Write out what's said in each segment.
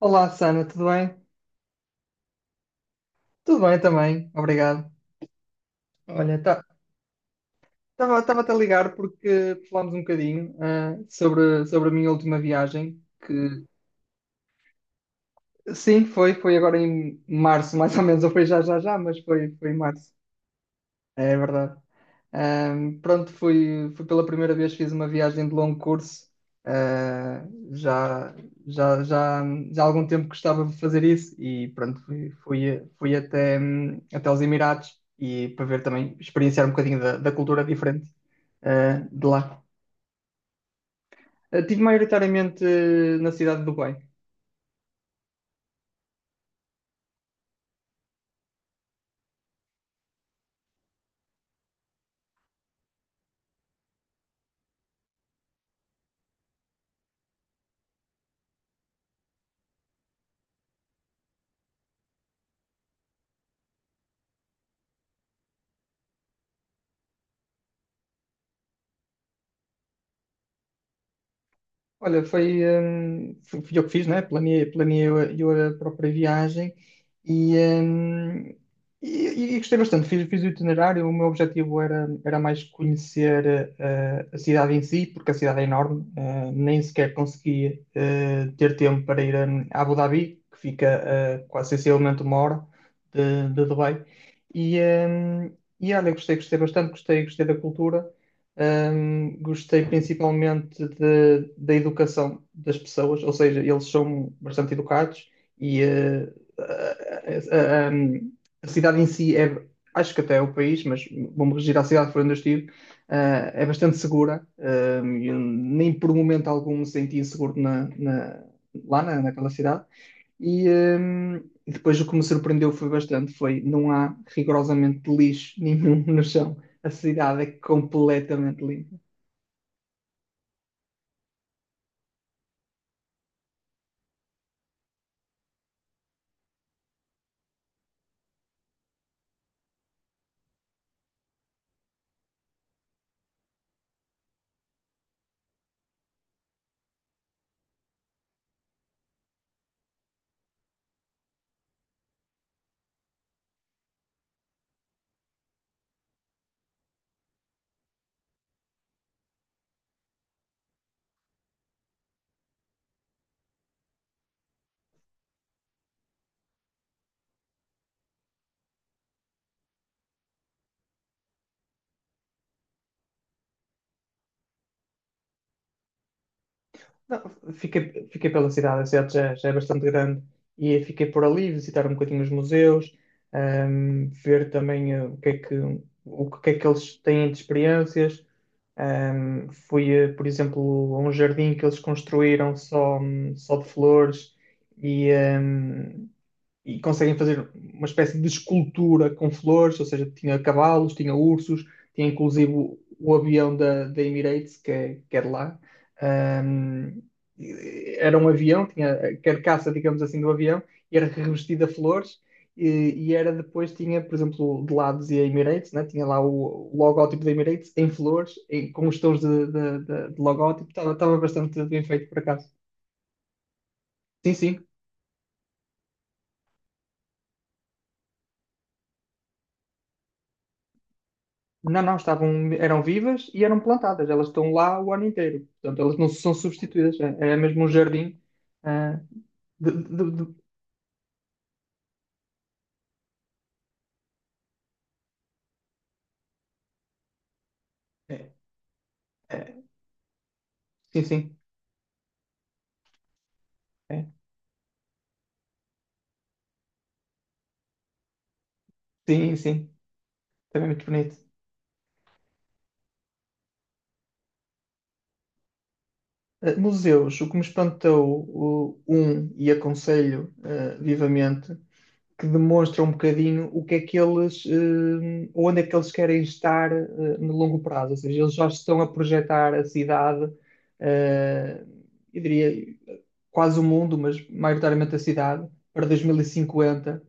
Olá, Sana, tudo bem? Tudo bem também, obrigado. Olha, estava-te a ligar porque falámos um bocadinho sobre a minha última viagem, que sim, foi agora em março, mais ou menos, ou foi já, mas foi em março, é verdade. Pronto, fui pela primeira vez, fiz uma viagem de longo curso. Ah, já, já, já, já há algum tempo gostava de fazer isso e pronto, fui até os Emirados e para ver também, experienciar um bocadinho da cultura diferente, de lá. Tive maioritariamente na cidade de Dubai. Olha, foi, fui fui eu que fiz, né? Planeei eu a própria viagem e, hum, e gostei bastante. Fiz o itinerário. O meu objetivo era mais conhecer a cidade em si, porque a cidade é enorme. Nem sequer consegui ter tempo para ir a Abu Dhabi, que fica quase sensivelmente uma hora de Dubai. E, hum, e olha, gostei, gostei bastante, gostei, gostei da cultura. Gostei principalmente da educação das pessoas, ou seja, eles são bastante educados e a, a- a- um, a cidade em si é, acho que até é o país, mas vou-me regir à cidade por onde eu estive, é bastante segura. Eu nem por um momento algum me senti inseguro lá naquela cidade. E, hum, e depois o que me surpreendeu foi bastante, foi não há rigorosamente lixo nenhum no chão. A cidade é completamente limpa. Não, fiquei pela cidade, a cidade já, já é bastante grande e fiquei por ali visitar um bocadinho os museus, ver também o que é que, o que é que eles têm de experiências. Fui, por exemplo, a um jardim que eles construíram só de flores e, hum, e conseguem fazer uma espécie de escultura com flores, ou seja, tinha cavalos, tinha ursos, tinha inclusive o avião da Emirates, que é de lá. Ahm, era um avião, tinha a carcaça, digamos assim, do avião, e era revestida a flores, e, e era depois, tinha, por exemplo, de lá dizia Emirates, né? Tinha lá o logótipo da Emirates em flores, com os tons de logótipo, estava bastante bem feito por acaso. Sim, sim. Não, não, estavam, eram vivas e eram plantadas. Elas estão lá o ano inteiro. Portanto, elas não são substituídas. É mesmo um jardim. ah, de- de- de- é, é, sim, sim. É. Sim, sim. Também é muito bonito. Museus, o que me espantou, e aconselho vivamente, que demonstra um bocadinho o que é que eles, onde é que eles querem estar no longo prazo. Ou seja, eles já estão a projetar a cidade, eh, eu diria quase o mundo, mas maioritariamente a cidade, para 2050,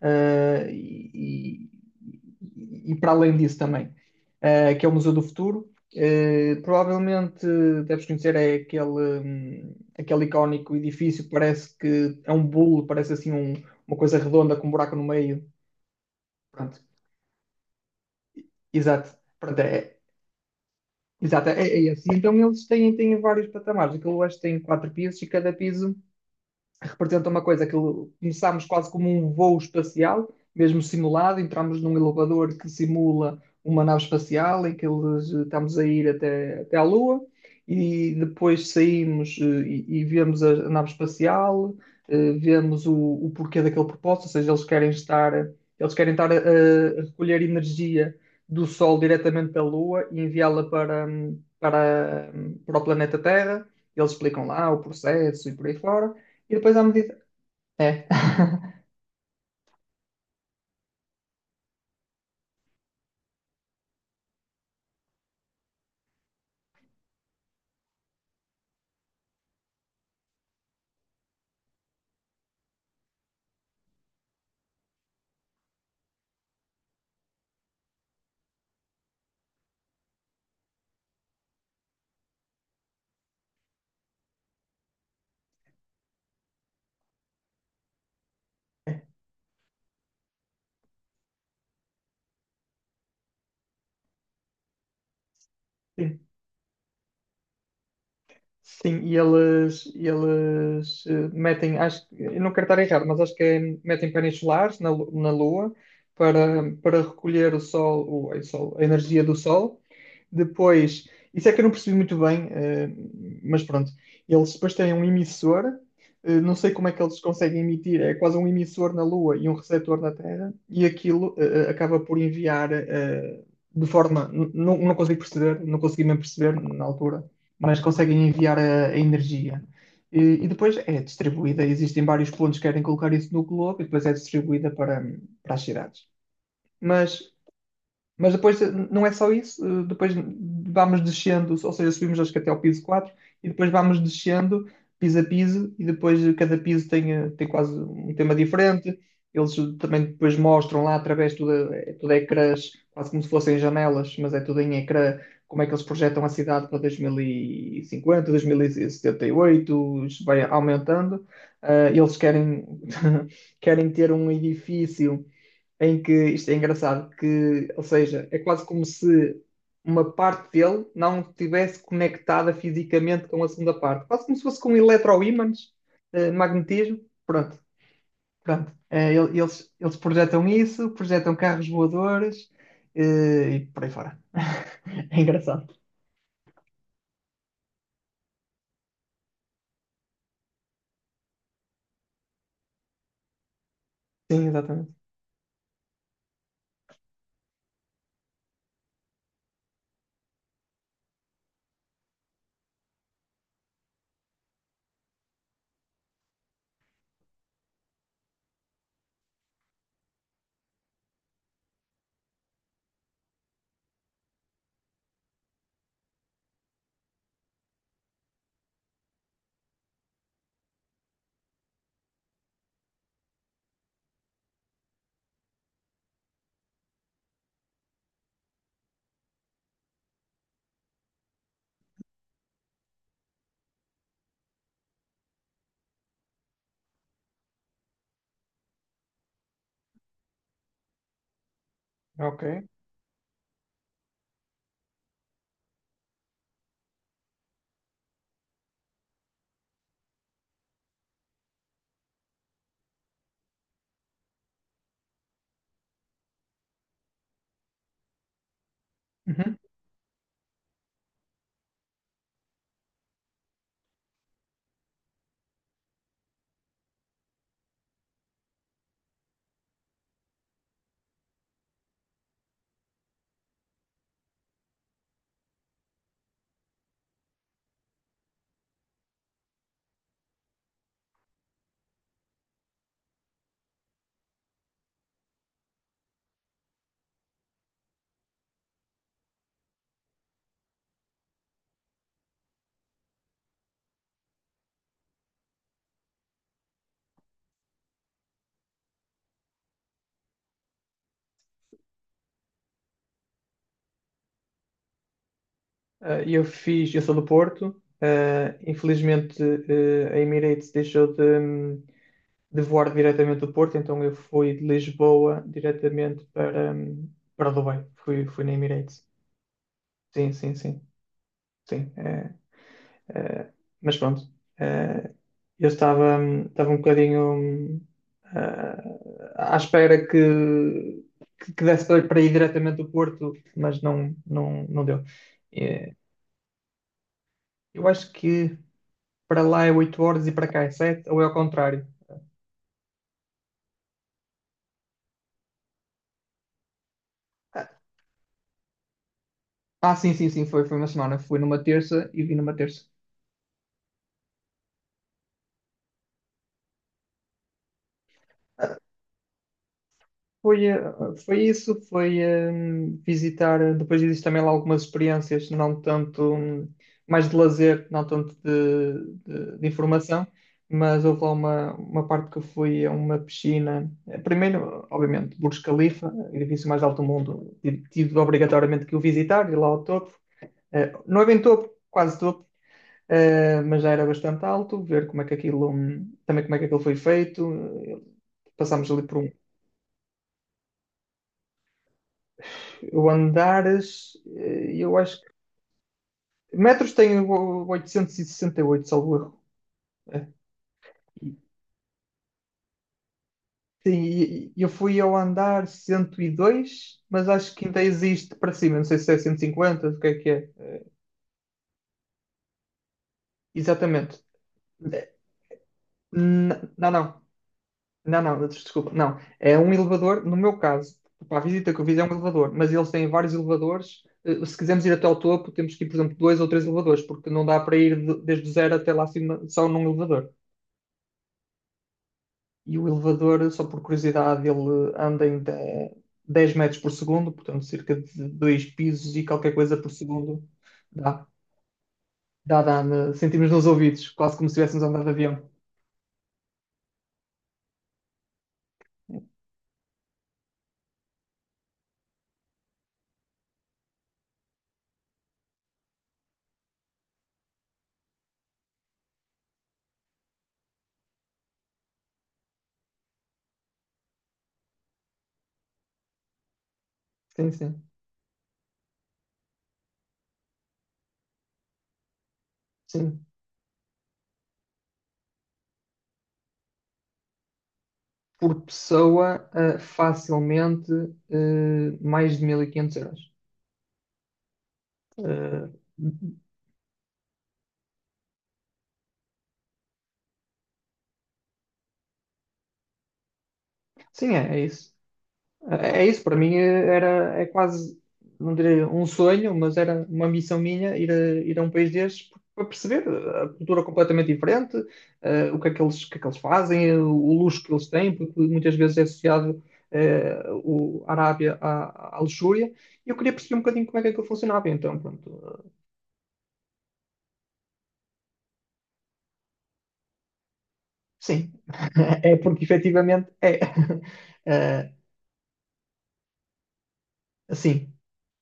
e para além disso também, que é o Museu do Futuro. Provavelmente deves conhecer é aquele icónico edifício que parece que é um bolo, parece assim uma coisa redonda com um buraco no meio. Pronto, exato. Pronto, é, exato, é esse. Então eles têm vários patamares. Aquilo acho que tem quatro pisos e cada piso representa uma coisa que começámos quase como um voo espacial, mesmo simulado, entramos num elevador que simula uma nave espacial em que eles estamos a ir até à Lua e depois saímos e vemos a nave espacial, vemos o porquê daquele propósito, ou seja, eles querem estar a recolher energia do Sol diretamente da Lua e enviá-la para o planeta Terra. Eles explicam lá o processo e por aí fora. E depois à medida. É. Sim, Sim, e eles metem, acho, eu não quero estar errado, mas acho que é, metem painéis solares na Lua para recolher o sol, a energia do sol. Depois, isso é que eu não percebi muito bem, mas pronto. Eles depois têm um emissor, não sei como é que eles conseguem emitir, é quase um emissor na Lua e um receptor na Terra, e aquilo acaba por enviar de forma. Não, não consigo perceber, não consegui mesmo perceber na altura, mas conseguem enviar a energia. E depois é distribuída, existem vários pontos que querem colocar isso no globo, e depois é distribuída para as cidades. Mas mas depois não é só isso, depois vamos descendo, ou seja, subimos acho que até ao piso 4 e depois vamos descendo piso a piso e depois cada piso tem quase um tema diferente. Eles também depois mostram lá através de tudo, é tudo ecrãs, quase como se fossem janelas, mas é tudo em ecrã, como é que eles projetam a cidade para 2050, 2078, isto vai aumentando. Eles querem, querem ter um edifício em que isto é engraçado, que, ou seja, é quase como se uma parte dele não estivesse conectada fisicamente com a segunda parte, quase como se fosse com eletroímãs, magnetismo, pronto, pronto. Eles projetam isso, projetam carros voadores, e por aí fora. É engraçado. Sim, exatamente. Ok. Uhum. Eu sou do Porto, infelizmente a Emirates deixou de voar diretamente do Porto, então eu fui de Lisboa diretamente para Dubai. Fui na Emirates. Sim, sim, sim, sim. É, é, mas pronto, é, eu estava um bocadinho hum, à espera que desse para ir diretamente do Porto, mas não, não, não deu. É, eu acho que para lá é 8 horas e para cá é 7 ou é ao contrário. Sim, sim, sim, foi uma semana. Fui numa terça e vim numa terça. Foi, eh, foi isso, foi visitar, depois existe também lá algumas experiências, não tanto, mais de lazer, não tanto de informação, mas houve lá uma parte que eu fui a uma piscina. Primeiro, obviamente, Burj Khalifa, edifício mais alto do mundo, tive obrigatoriamente que o visitar, ir lá ao topo. Não é bem topo, quase topo, mas já era bastante alto, ver como é que aquilo, também como é que aquilo foi feito, eh, passámos ali por um. Eu andares, eu acho que. Metros tem o 868, salvo erro. É. Sim, e eu fui ao andar 102, mas acho que ainda existe para cima. Não sei se é 150, o que é que é. Exatamente. Eh, Não, não. Não, não, desculpa. Não. É um elevador, no meu caso, para a visita que eu fiz é um elevador, mas eles têm vários elevadores. Se quisermos ir até ao topo, temos que ir, por exemplo, dois ou três elevadores, porque não dá para ir desde o zero até lá acima só num elevador. E o elevador, só por curiosidade, ele anda em 10 metros por segundo, portanto, cerca de dois pisos e qualquer coisa por segundo. Dá, dá, dá, né? Sentimos nos ouvidos, quase como se estivéssemos a andar de avião. Sim, sim. Sim. Por pessoa, facilmente, mais de 1500 euros. Eh, sim, é isso. É isso, para mim era, é quase, não diria um sonho, mas era uma missão minha ir a um país destes para perceber a cultura completamente diferente, o que é que eles, o que é que eles fazem, o luxo que eles têm, porque muitas vezes é associado eh, a Arábia à luxúria, e eu queria perceber um bocadinho como é que aquilo funcionava. Então, pronto, sim, é porque efetivamente é. Eh, assim,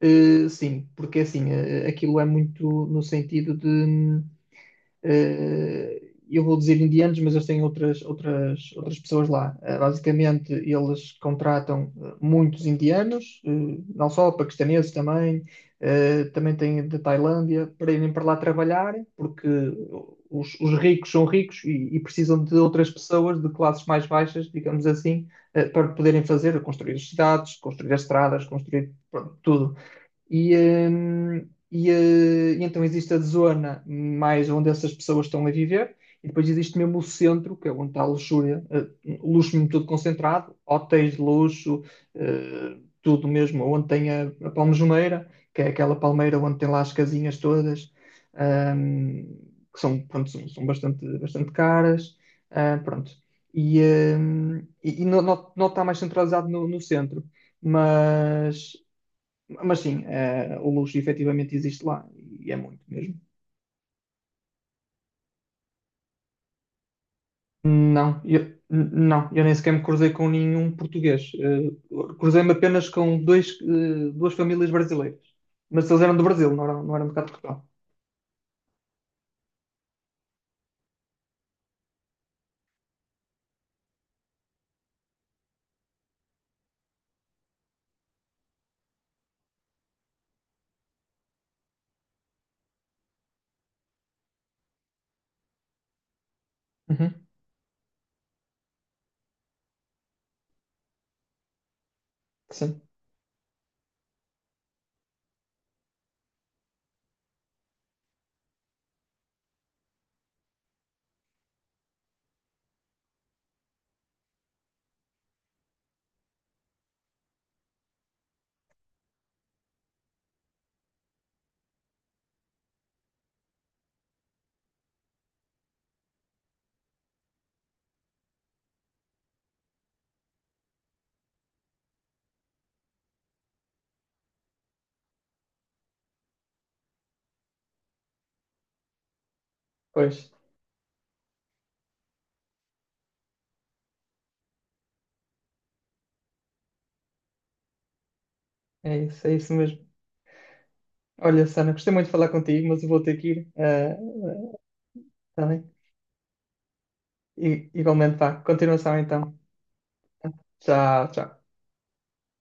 sim, porque assim, aquilo é muito no sentido de. Eu vou dizer indianos, mas eles têm outras, outras, outras pessoas lá. Basicamente, eles contratam muitos indianos, não só paquistaneses também, também têm da Tailândia, para irem para lá trabalhar, porque os ricos são ricos e precisam de outras pessoas de classes mais baixas, digamos assim, para poderem fazer, construir as cidades, construir as estradas, construir pronto, tudo. E, hum, e então existe a zona mais onde essas pessoas estão a viver, e depois existe mesmo o centro, que é onde está a luxúria, luxo mesmo tudo concentrado, hotéis de luxo, eh, tudo mesmo, onde tem a Palmejoneira, que é aquela palmeira onde tem lá as casinhas todas, ahm, que são, pronto, são bastante, bastante caras, pronto. E não, não, não está mais centralizado no centro mas mas sim, o luxo efetivamente existe lá e é muito mesmo. Não, eu, não, eu nem sequer me cruzei com nenhum português. Cruzei-me apenas com dois, duas famílias brasileiras. Mas eles eram do Brasil, não eram de cá de Portugal. Uhum, sim, pois. É isso mesmo. Olha, Sana, gostei muito de falar contigo, mas eu vou ter que ir. Tá bem? E, igualmente, vá. Continuação então. Tchau, tchau.